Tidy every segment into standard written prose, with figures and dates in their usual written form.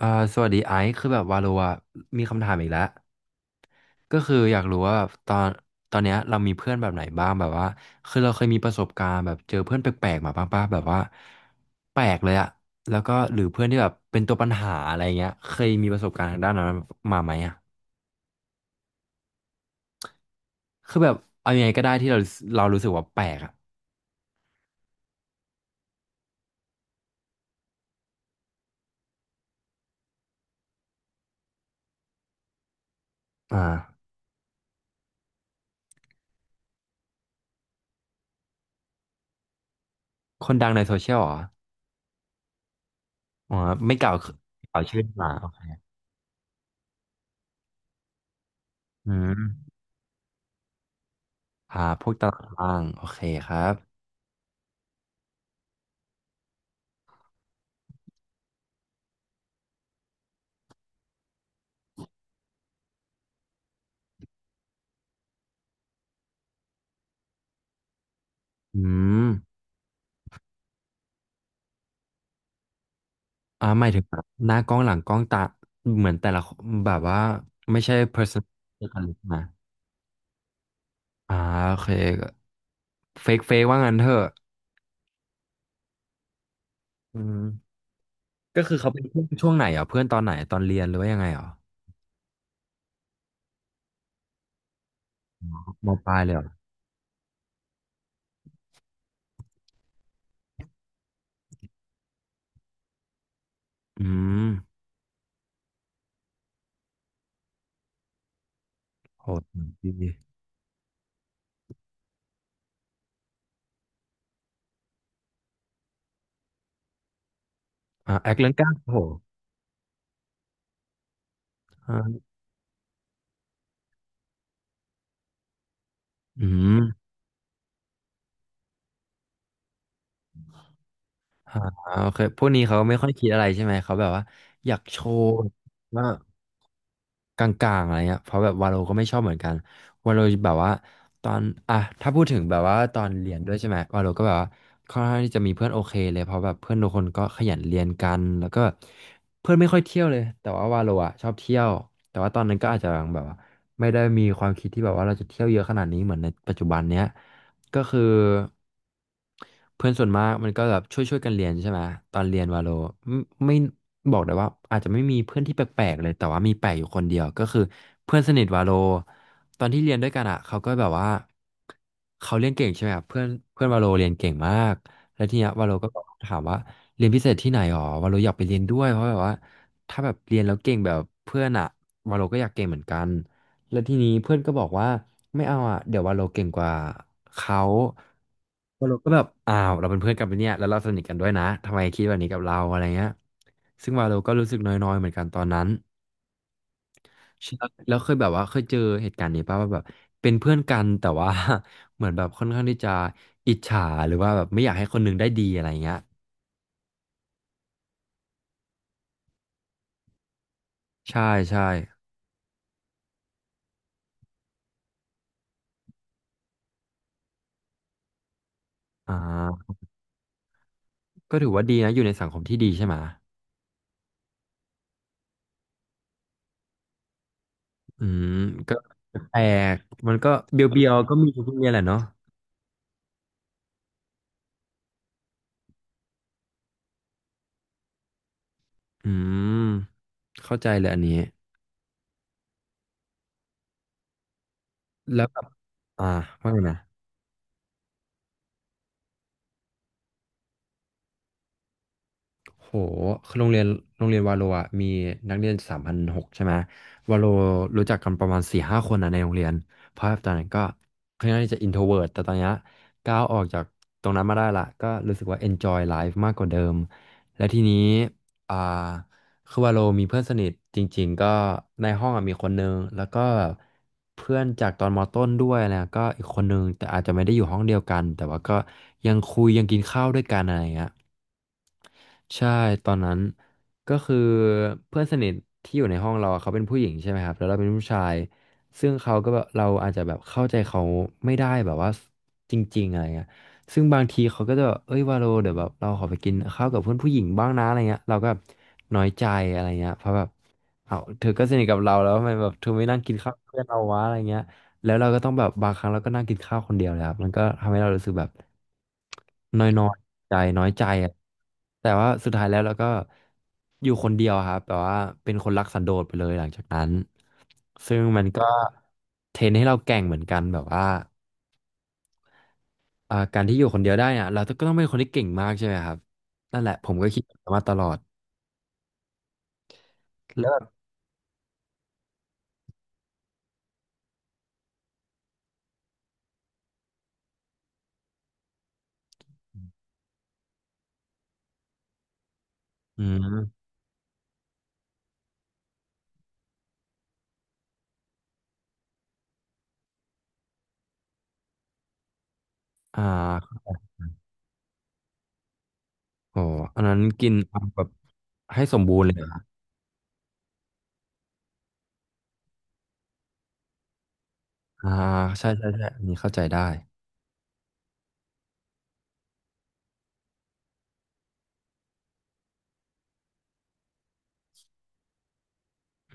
อ่าสวัสดีไอซ์คือแบบวาโลอะมีคำถามอีกแล้วก็คืออยากรู้ว่าแบบตอนเนี้ยเรามีเพื่อนแบบไหนบ้างแบบว่าคือเราเคยมีประสบการณ์แบบเจอเพื่อนแปลกๆมาบ้างป่ะแบบว่าแปลกเลยอะแล้วก็หรือเพื่อนที่แบบเป็นตัวปัญหาอะไรเงี้ยเคยมีประสบการณ์ทางด้านนั้นมาไหมอะคือแบบเอายังไงก็ได้ที่เรารู้สึกว่าแปลกอะอ่าคนดังในโซเชียลเหรออ๋อไม่กล่าวกล่าวชื่อมาโอเคอืมพวกตารางโอเคครับอืม หมายถึงแบบหน้ากล้องหลังกล้องตาเหมือนแต่ละคนแบบว่าไม่ใช่ person เดียวกันเลยใช่ไหมอ่าโอเคเฟกเฟกว่างั้นเถอะอืมก็คือเขาเป็นเพื่อนช่วงไหนอ่ะเพื่อนตอนไหนตอนเรียนหรือว่ายังไงอ่ะมปลายเลยเหรออืมโหดีแอคเรื่องกล้าโหอ่าอืมโอเคพวกนี้เขาไม่ค่อยคิดอะไรใช่ไหมเขาแบบว่าอยากโชว์ว่า กลางๆอะไรเงี้ยเพราะแบบวาโลก็ไม่ชอบเหมือนกันวาโลแบบว่าตอนอ่ะถ้าพูดถึงแบบว่าตอนเรียนด้วยใช่ไหมวาโลก็แบบว่าค่อนข้างที่จะมีเพื่อนโอเคเลยเพราะแบบเพื่อนทุกคนก็ขยันเรียนกันแล้วก็เพื่อนไม่ค่อยเที่ยวเลยแต่ว่าวาโลอ่ะชอบเที่ยวแต่ว่าตอนนั้นก็อาจจะแบบว่าไม่ได้มีความคิดที่แบบว่าเราจะเที่ยวเยอะขนาดนี้เหมือนในปัจจุบันเนี้ยก็คือ เพื่อนส่วนมากมันก็แบบช่วยกันเรียนใช่ไหมตอนเรียนวาโลไม่ไม่บอกเลยว่าอาจจะไม่มีเพื่อนที่แปลกๆเลยแต่ว่ามีแปลกอยู่คนเดียวก็คือเพื่อนสนิทวาโลตอนที่เรียนด้วยกันอ่ะเขาก็แบบว่าเขาเรียนเก่งใช่ไหมครับเพื่อนเพื่อนวาโลเรียนเก่งมากแล้วทีเนี้ยวาโลก็ถามว่าเรียนพิเศษที่ไหนหรอวาโลอยากไปเรียนด้วยเพราะแบบว่าถ้าแบบเรียนแล้วเก่งแบบเพื่อนอ่ะวาโลก็อยากเก่งเหมือนกันแล้วทีนี้เพื่อนก็บอกว่าไม่เอาอ่ะเดี๋ยววาโลเก่งกว่าเขา โเราก็แบบอ้าวเราเป็นเพื่อนกันไปะเนี่ยแล้วเราสนิทกันด้วยนะทำไมคิดแบบนี้กับเราอะไรเงี้ยซึ่งวาโลก็รู้สึกน้อยๆเหมือนกันตอนนั้นแล้วเคยแบบว่าเคยเจอเหตุการณ์นี้ป่ะว่าแบบเป็นเพื่อนกันแต่ว่า เหมือนแบบค่อนข้างที่จะอิจฉาหรือว่าแบบไม่อยากให้คนหนึงได้ดีอะไรเงี้ยใช่ใช่อ่าก็ถือว่าดีนะอยู่ในสังคมที่ดีใช่ไหมอืมก็แปลกมันก็เบียวเบียวก็มีทุกโรงเรียนแหละเนาะอืมเข้าใจเลยอันนี้แล้วแบบอ่าว่าไงนะ โห คือโรงเรียนวาโลอ่ะมีนักเรียน3,600ใช่ไหมวาโลรู้จักกันประมาณสี่ห้าคนนะในโรงเรียนเพราะตอนนั้นก็ค่อนข้างที่จะ introvert แต่ตอนเนี้ยก้าวออกจากตรงนั้นมาได้ละก็รู้สึกว่า enjoy life มากกว่าเดิมและทีนี้อ่าคือวาโลมีเพื่อนสนิทจริงๆก็ในห้องอะมีคนนึงแล้วก็เพื่อนจากตอนมต้นด้วยนะก็อีกคนนึงแต่อาจจะไม่ได้อยู่ห้องเดียวกันแต่ว่าก็ยังคุยยังกินข้าวด้วยกันอะไรอย่างเงี้ย ใช่ตอนนั้นก็คือเพื่อนสนิทที่อยู่ในห้องเราอะเขาเป็นผู้หญิงใช่ไหมครับแล้วเราเป็นผู้ชายซึ่งเขาก็แบบเราอาจจะแบบเข้าใจเขาไม่ได้แบบว่าจริงๆอะไรเงี้ยซึ่งบางทีเขาก็จะแบบเอ้ยวาโลเดี๋ยวแบบเราขอไปกินข้าวกับเพื่อนผู้หญิงบ้างนะอะไรเงี้ยเราก็แบบน้อยใจอะไรเงี้ยเพราะแบบเอาเธอก็สนิทกับเราแล้วทำไมแบบเธอไม่นั่งกินข้าวกับเพื่อนเราวะอะไรเงี้ย แล้วเราก็ต้องแบบบางครั้งเราก็นั่งกินข้าวคนเดียวเลยครับมันก็ทำให้เรารู้สึกแบบน้อยน้อยใจน้อยใจอะแต่ว่าสุดท้ายแล้วเราก็อยู่คนเดียวครับแต่ว่าเป็นคนรักสันโดษไปเลยหลังจากนั้นซึ่งมันก็เทรนให้เราแกร่งเหมือนกันแบบว่าการที่อยู่คนเดียวได้เนี่ยเราก็ต้องเป็นคนที่เก่งมากใช่ไหมครับนั่นแหละผมก็คิดแบบนั้นมาตลอดแล้วแบบอืมอ่าโอ้อันนั้นกินเอาแบบให้สมบูรณ์เลยเหรออ่าใช่ใช่ใช่อันนี้เข้าใจได้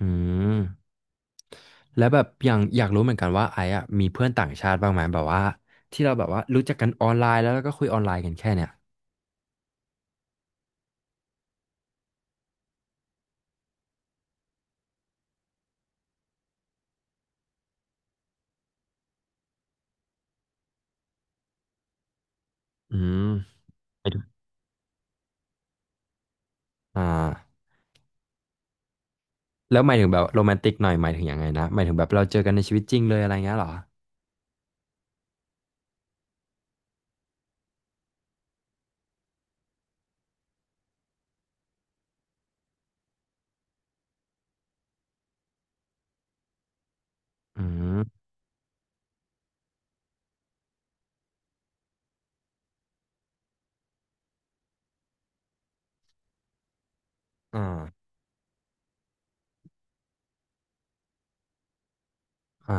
อืม แล้วแบบอย่างอยากรู้เหมือนกันว่าไอ้อะมีเพื่อนต่างชาติบ้างไหมแบบว่าที่เราแบบว่ารู้จักกันออนไลน์แล้วแล้วก็คุยออนไลน์กันแค่เนี่ยอืมหมายถึงอ่าแล้วหมายถึงแบบโรแมนติกหน่อยหมายถึงยังไงนะหมายถึงแบบเราเจอกันในชีวิตจริงเลยอะไรเงี้ยเหรออืมอ่าอ่า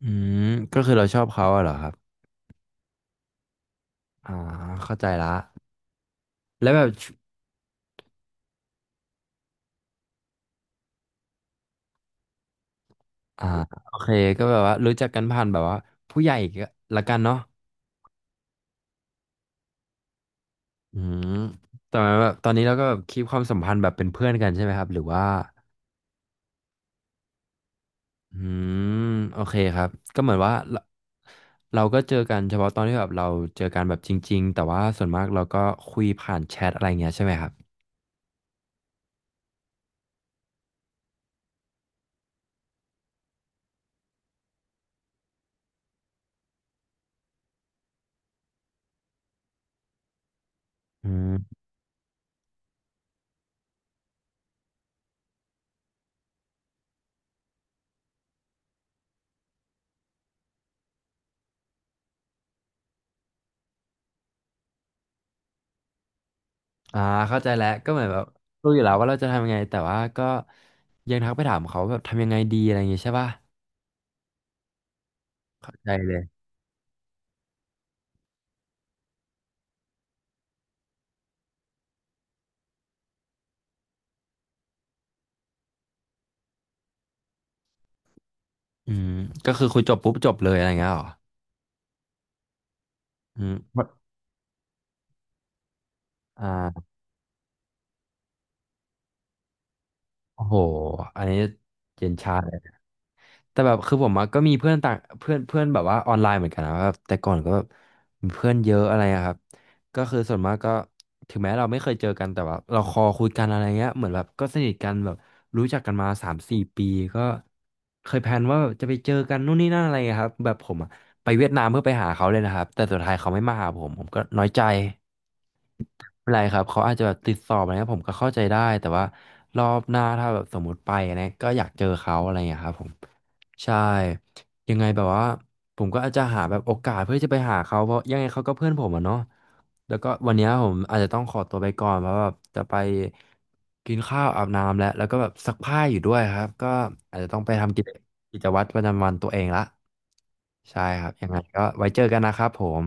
อืมก็คือเราชอบเขาอะเหรอครับอ่าเข้าใจละแล้วแบบอ่าโอเคก็แบบว่ารู้จักกันผ่านแบบว่าผู้ใหญ่ก็ละกันเนาะอืมแต่ว่าแบบตอนนี้เราก็แบบคีปความสัมพันธ์แบบเป็นเพื่อนกันใช่ไหมครับหรือว่า อืมโอเคครับก็เหมือนว่าเราเราก็เจอกันเฉพาะตอนที่แบบเราเจอกันแบบจริงๆแต่ว่าส่วนมากเราก็คุยผ่านแชทอะไรเงี้ยใช่ไหมครับอืมอ่าเข้าใจแล้วก็เหมือนแบบรู้อยู่แล้วว่าเราจะทำยังไงแต่ว่าก็ยังทักไปถามเขาแบบทำยังไงดีอะไรเงงี้ยใช่ป่ะเข้าใจเลยอืมก็คือคุยจบปุ๊บจบเลยอะไรเงี้ยเหรออืมอ่าโอ้โหอันนี้เย็นชา แต่แบบคือผมอะก็มีเพื่อนต่างเพื่อนเพื่อนแบบว่าออนไลน์เหมือนกันนะแบบแต่ก่อนก็แบบมีเพื่อนเยอะอะไรอะครับก็คือส่วนมากก็ถึงแม้เราไม่เคยเจอกันแต่ว่าเราคุยกันอะไรเงี้ยเหมือนแบบก็สนิทกันแบบรู้จักกันมา3-4 ปีก็เคยแพลนว่าจะไปเจอกันนู่นนี่นั่นอะไรอะครับแบบผมอะไปเวียดนามเพื่อไปหาเขาเลยนะครับแต่สุดท้ายเขาไม่มาหาผมผมก็น้อยใจไม่เป็นไรครับเขาอาจจะแบบติดสอบอะไรเงี้ยผมก็เข้าใจได้แต่ว่ารอบหน้าถ้าแบบสมมติไปอะไรเงี้ยก็อยากเจอเขาอะไรอย่างเงี้ยครับผม ใช่ยังไงแบบว่าผมก็อาจจะหาแบบโอกาสเพื่อจะไปหาเขาเพราะยังไงเขาก็เพื่อนผมอะเนาะแล้วก็วันเนี้ยผมอาจจะต้องขอตัวไปก่อนเพราะแบบจะไปกินข้าวอาบน้ำแล้วแล้วก็แบบซักผ้าอยู่ด้วยครับก็อาจจะต้องไปทำกิจวัตรประจำวันตัวเองละใช่ครับยังไงก็ไว้เจอกันนะครับผม